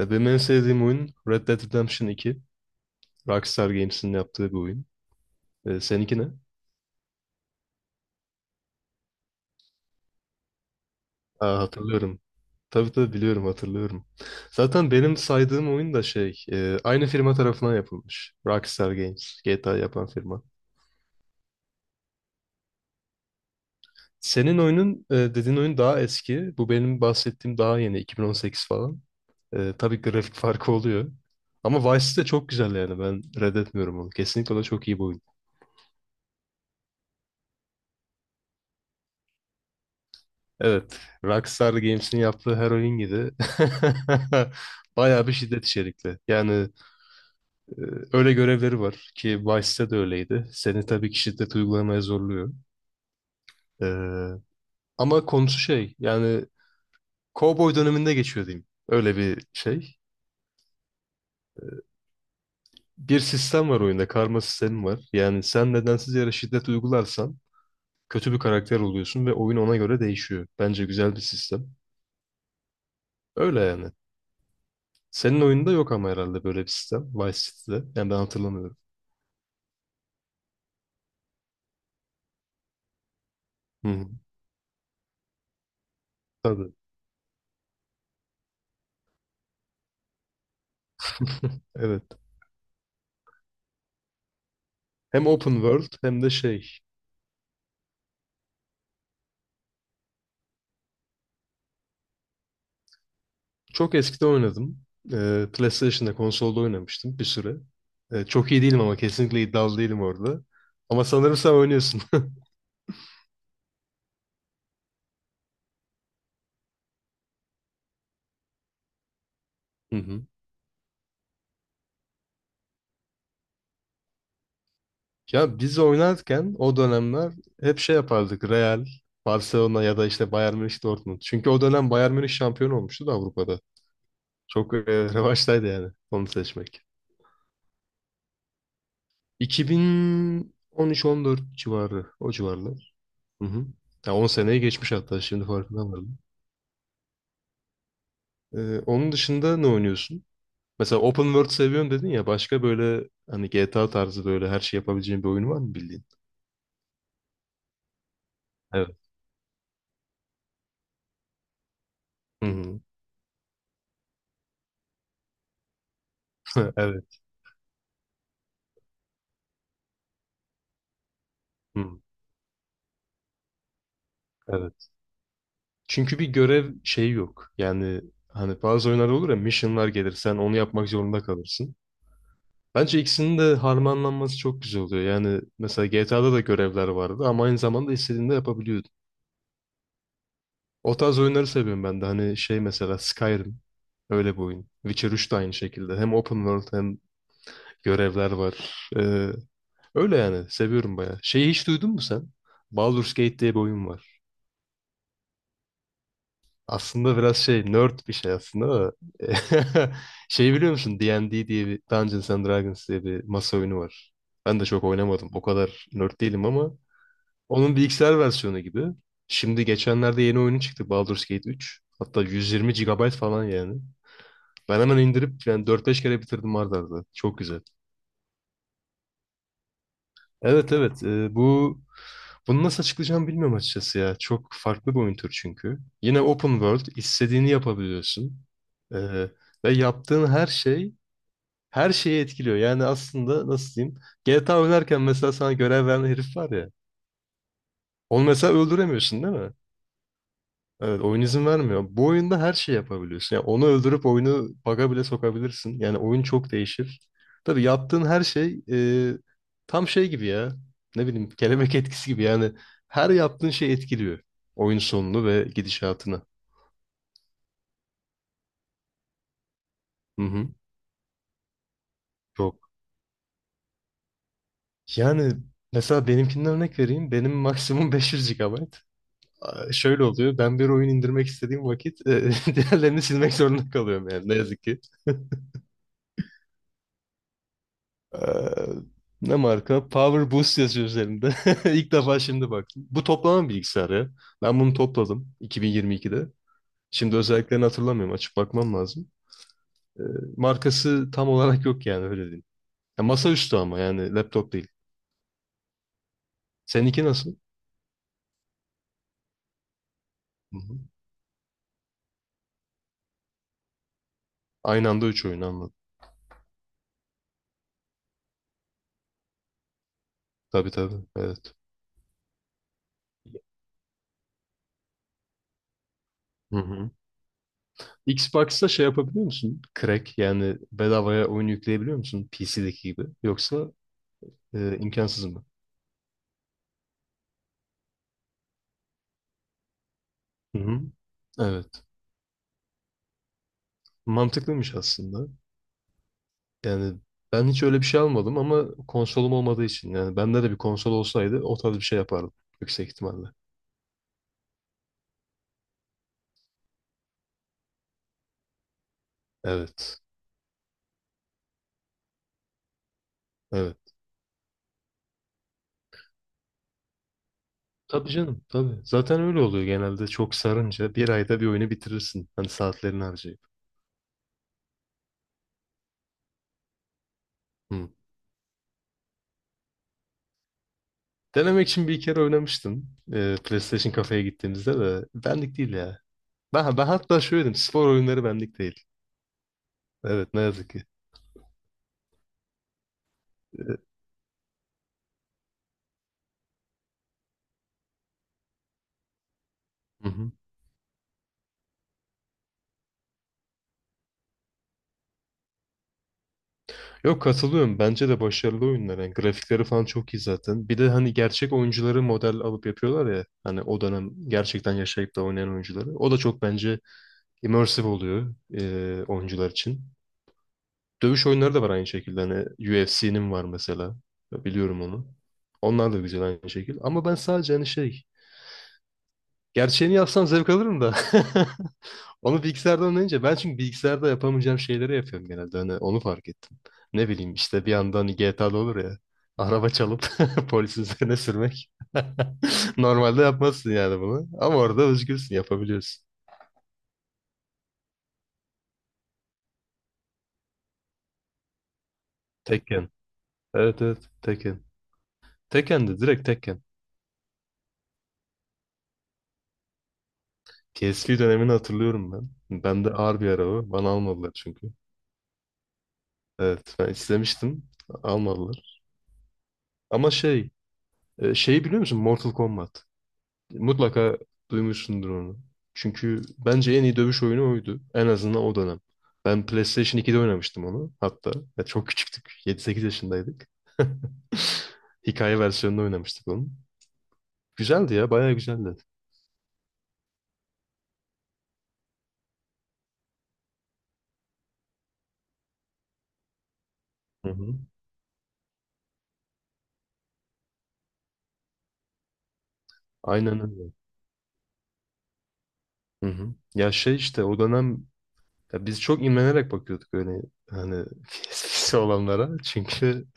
Benim en sevdiğim oyun Red Dead Redemption 2. Rockstar Games'in yaptığı bir oyun. Seninki ne? Aa, hatırlıyorum. Tabii tabii biliyorum hatırlıyorum. Zaten benim saydığım oyun da şey aynı firma tarafından yapılmış. Rockstar Games GTA yapan firma. Senin oyunun dediğin oyun daha eski. Bu benim bahsettiğim daha yeni 2018 falan. Tabii grafik farkı oluyor. Ama Vice City de çok güzel yani ben reddetmiyorum onu. Kesinlikle o da çok iyi bir oyun. Evet. Rockstar Games'in yaptığı her oyun gibi bayağı bir şiddet içerikli. Yani e, öyle görevleri var ki Vice'de de öyleydi. Seni tabii ki şiddet uygulamaya zorluyor. E, Ama konusu şey yani Cowboy döneminde geçiyor diyeyim. Öyle bir şey. Bir sistem var oyunda. Karma sistemi var. Yani sen nedensiz yere şiddet uygularsan kötü bir karakter oluyorsun ve oyun ona göre değişiyor. Bence güzel bir sistem. Öyle yani. Senin oyunda yok ama herhalde böyle bir sistem. Vice City'de. Yani ben hatırlamıyorum. Hı hı. Tabii. Evet. Hem open world hem de şey. Çok eskide oynadım. PlayStation'da konsolda oynamıştım bir süre. Çok iyi değilim ama kesinlikle iddialı değilim orada. Ama sanırım sen oynuyorsun. Hı hı. Ya biz oynarken o dönemler hep şey yapardık. Real, Barcelona ya da işte Bayern Münih, Dortmund. Çünkü o dönem Bayern Münih şampiyon olmuştu da Avrupa'da. Çok revaçtaydı yani onu seçmek. 2013-14 civarı o civarlar. Hı hı. Ya 10 seneye geçmiş hatta şimdi farkına vardım. Onun dışında ne oynuyorsun? Mesela open world seviyorum dedin ya başka böyle hani GTA tarzı böyle her şey yapabileceğin bir oyun var mı bildiğin? Evet. Hı hı. Evet. Hı. Evet. Çünkü bir görev şeyi yok. Yani hani bazı oyunlarda olur ya missionlar gelir sen onu yapmak zorunda kalırsın. Bence ikisinin de harmanlanması çok güzel oluyor. Yani mesela GTA'da da görevler vardı ama aynı zamanda istediğinde yapabiliyorsun. O tarz oyunları seviyorum ben de. Hani şey mesela Skyrim. Öyle bir oyun. Witcher 3 de aynı şekilde. Hem open world hem görevler var. Öyle yani. Seviyorum bayağı. Şeyi hiç duydun mu sen? Baldur's Gate diye bir oyun var. Aslında biraz şey nerd bir şey aslında da. Şey biliyor musun? D&D diye bir Dungeons and Dragons diye bir masa oyunu var. Ben de çok oynamadım. O kadar nerd değilim ama onun bilgisayar versiyonu gibi. Şimdi geçenlerde yeni oyunu çıktı Baldur's Gate 3. Hatta 120 gigabayt falan yani. Ben hemen indirip yani 4-5 kere bitirdim arda arda. Çok güzel. Evet evet, bunu nasıl açıklayacağımı bilmiyorum açıkçası ya. Çok farklı bir oyun türü çünkü. Yine open world istediğini yapabiliyorsun. E, Ve yaptığın her şeyi etkiliyor. Yani aslında nasıl diyeyim? GTA oynarken mesela sana görev veren herif var ya. Onu mesela öldüremiyorsun değil mi? Evet, oyun izin vermiyor. Bu oyunda her şey yapabiliyorsun. Yani onu öldürüp oyunu bug'a bile sokabilirsin. Yani oyun çok değişir. Tabii yaptığın her şey tam şey gibi ya. Ne bileyim, kelebek etkisi gibi. Yani her yaptığın şey etkiliyor oyun sonunu ve gidişatını. Hı hı. Çok. Yani mesela benimkinden örnek vereyim. Benim maksimum 500 GB. Aa, şöyle oluyor. Ben bir oyun indirmek istediğim vakit diğerlerini silmek zorunda kalıyorum yani ne yazık ki. Eee, Ne marka? Power Boost yazıyor üzerinde. İlk defa şimdi baktım. Bu toplama bilgisayarı ya. Ben bunu topladım 2022'de. Şimdi özelliklerini hatırlamıyorum. Açıp bakmam lazım. Eee, Markası tam olarak yok yani öyle diyeyim. Ya masaüstü ama yani laptop değil. Seninki nasıl? Hı-hı. Aynı anda üç oyun, anladım. Tabii tabii. Evet. Hı-hı. Xbox'ta şey yapabiliyor musun? Crack yani bedavaya oyun yükleyebiliyor musun? PC'deki gibi. Yoksa imkansız mı? Hı-hı. Mantıklıymış aslında. Yani ben hiç öyle bir şey almadım ama konsolum olmadığı için yani bende de bir konsol olsaydı o tarz bir şey yapardım yüksek ihtimalle. Evet. Evet. Tabii canım tabii. Zaten öyle oluyor genelde, çok sarınca bir ayda bir oyunu bitirirsin. Hani saatlerini harcayıp. Hı. Denemek için bir kere oynamıştım. PlayStation kafeye gittiğimizde de benlik değil ya. Ben hatta şöyle dedim, spor oyunları benlik değil. Evet ne yazık ki. Ee, Hı hı. Yok, katılıyorum. Bence de başarılı oyunlar. Yani grafikleri falan çok iyi zaten. Bir de hani gerçek oyuncuları model alıp yapıyorlar ya. Hani o dönem gerçekten yaşayıp da oynayan oyuncuları. O da çok bence immersive oluyor oyuncular için. Dövüş oyunları da var aynı şekilde. Hani UFC'nin var mesela. Biliyorum onu. Onlar da güzel aynı şekilde. Ama ben sadece hani şey... Gerçeğini yapsam zevk alırım da. Onu bilgisayardan oynayınca ben, çünkü bilgisayarda yapamayacağım şeyleri yapıyorum genelde. Hani onu fark ettim. Ne bileyim işte, bir yandan hani GTA'da olur ya. Araba çalıp polisin üzerine sürmek. Normalde yapmazsın yani bunu. Ama orada özgürsün, yapabiliyorsun. Tekken. Evet evet, Tekken. Tekken de direkt Tekken. PSP dönemini hatırlıyorum ben. Bende ağır bir araba. Bana almadılar çünkü. Evet ben istemiştim. Almadılar. Ama şey şeyi biliyor musun? Mortal Kombat. Mutlaka duymuşsundur onu. Çünkü bence en iyi dövüş oyunu oydu. En azından o dönem. Ben PlayStation 2'de oynamıştım onu hatta. Ya çok küçüktük. 7-8 yaşındaydık. Hikaye versiyonunu oynamıştık onun. Güzeldi ya, bayağı güzeldi. Hı hı. Aynen öyle. Hı hı. Ya şey işte o dönem, ya biz çok imrenerek bakıyorduk öyle hani eskisi olanlara. Çünkü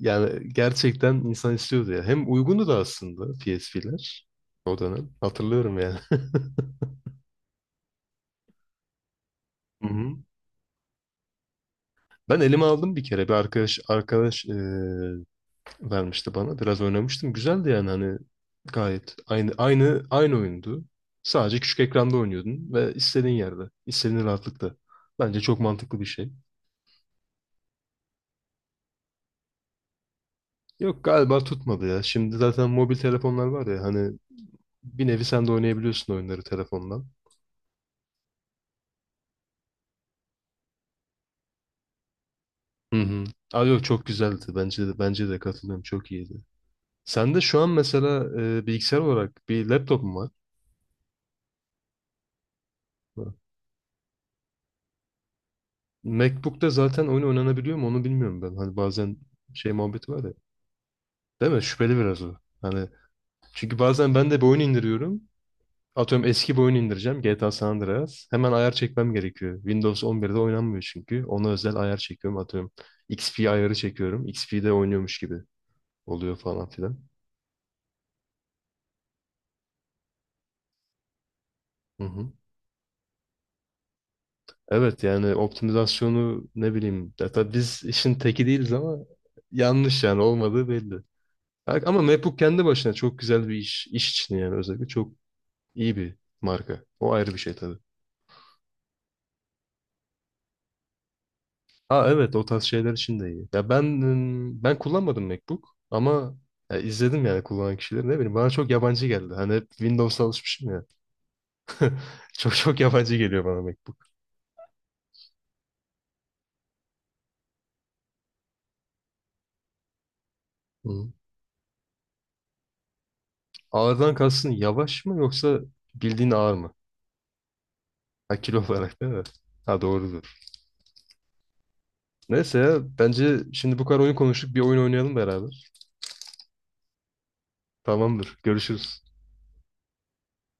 yani gerçekten insan istiyordu ya. Hem uygundu da aslında PSP'ler o dönem. Hatırlıyorum yani. Hı hı. Ben elime aldım bir kere. Bir arkadaş vermişti bana. Biraz oynamıştım. Güzeldi yani, hani gayet aynı oyundu. Sadece küçük ekranda oynuyordun ve istediğin yerde, istediğin rahatlıkta. Bence çok mantıklı bir şey. Yok galiba tutmadı ya. Şimdi zaten mobil telefonlar var ya, hani bir nevi sen de oynayabiliyorsun oyunları telefondan. Hı hı. Aa, yok çok güzeldi. Bence de, bence de katılıyorum. Çok iyiydi. Sen de şu an mesela bilgisayar olarak bir laptop mu var? MacBook'ta zaten oyun oynanabiliyor mu onu bilmiyorum ben. Hani bazen şey muhabbeti var ya. Değil mi? Şüpheli biraz o. Hani çünkü bazen ben de bir oyun indiriyorum. Atıyorum eski bir oyun indireceğim. GTA San Andreas. Hemen ayar çekmem gerekiyor. Windows 11'de oynanmıyor çünkü. Ona özel ayar çekiyorum. Atıyorum XP ayarı çekiyorum. XP'de oynuyormuş gibi oluyor falan filan. Hı hı. Evet yani optimizasyonu, ne bileyim. Ya tabii biz işin teki değiliz ama yanlış yani, olmadığı belli. Ama MacBook kendi başına çok güzel bir iş. İş için yani özellikle çok iyi bir marka. O ayrı bir şey tabii. Ha evet, o tarz şeyler için de iyi. Ya ben kullanmadım MacBook ama ya izledim yani kullanan kişileri, ne bileyim, bana çok yabancı geldi. Hani hep Windows'a alışmışım ya. Çok çok yabancı geliyor bana MacBook. Hı. Ağırdan kalsın yavaş mı, yoksa bildiğin ağır mı? Ha kilo olarak değil mi? Ha doğrudur. Neyse ya, bence şimdi bu kadar oyun konuştuk, bir oyun oynayalım beraber. Tamamdır. Görüşürüz.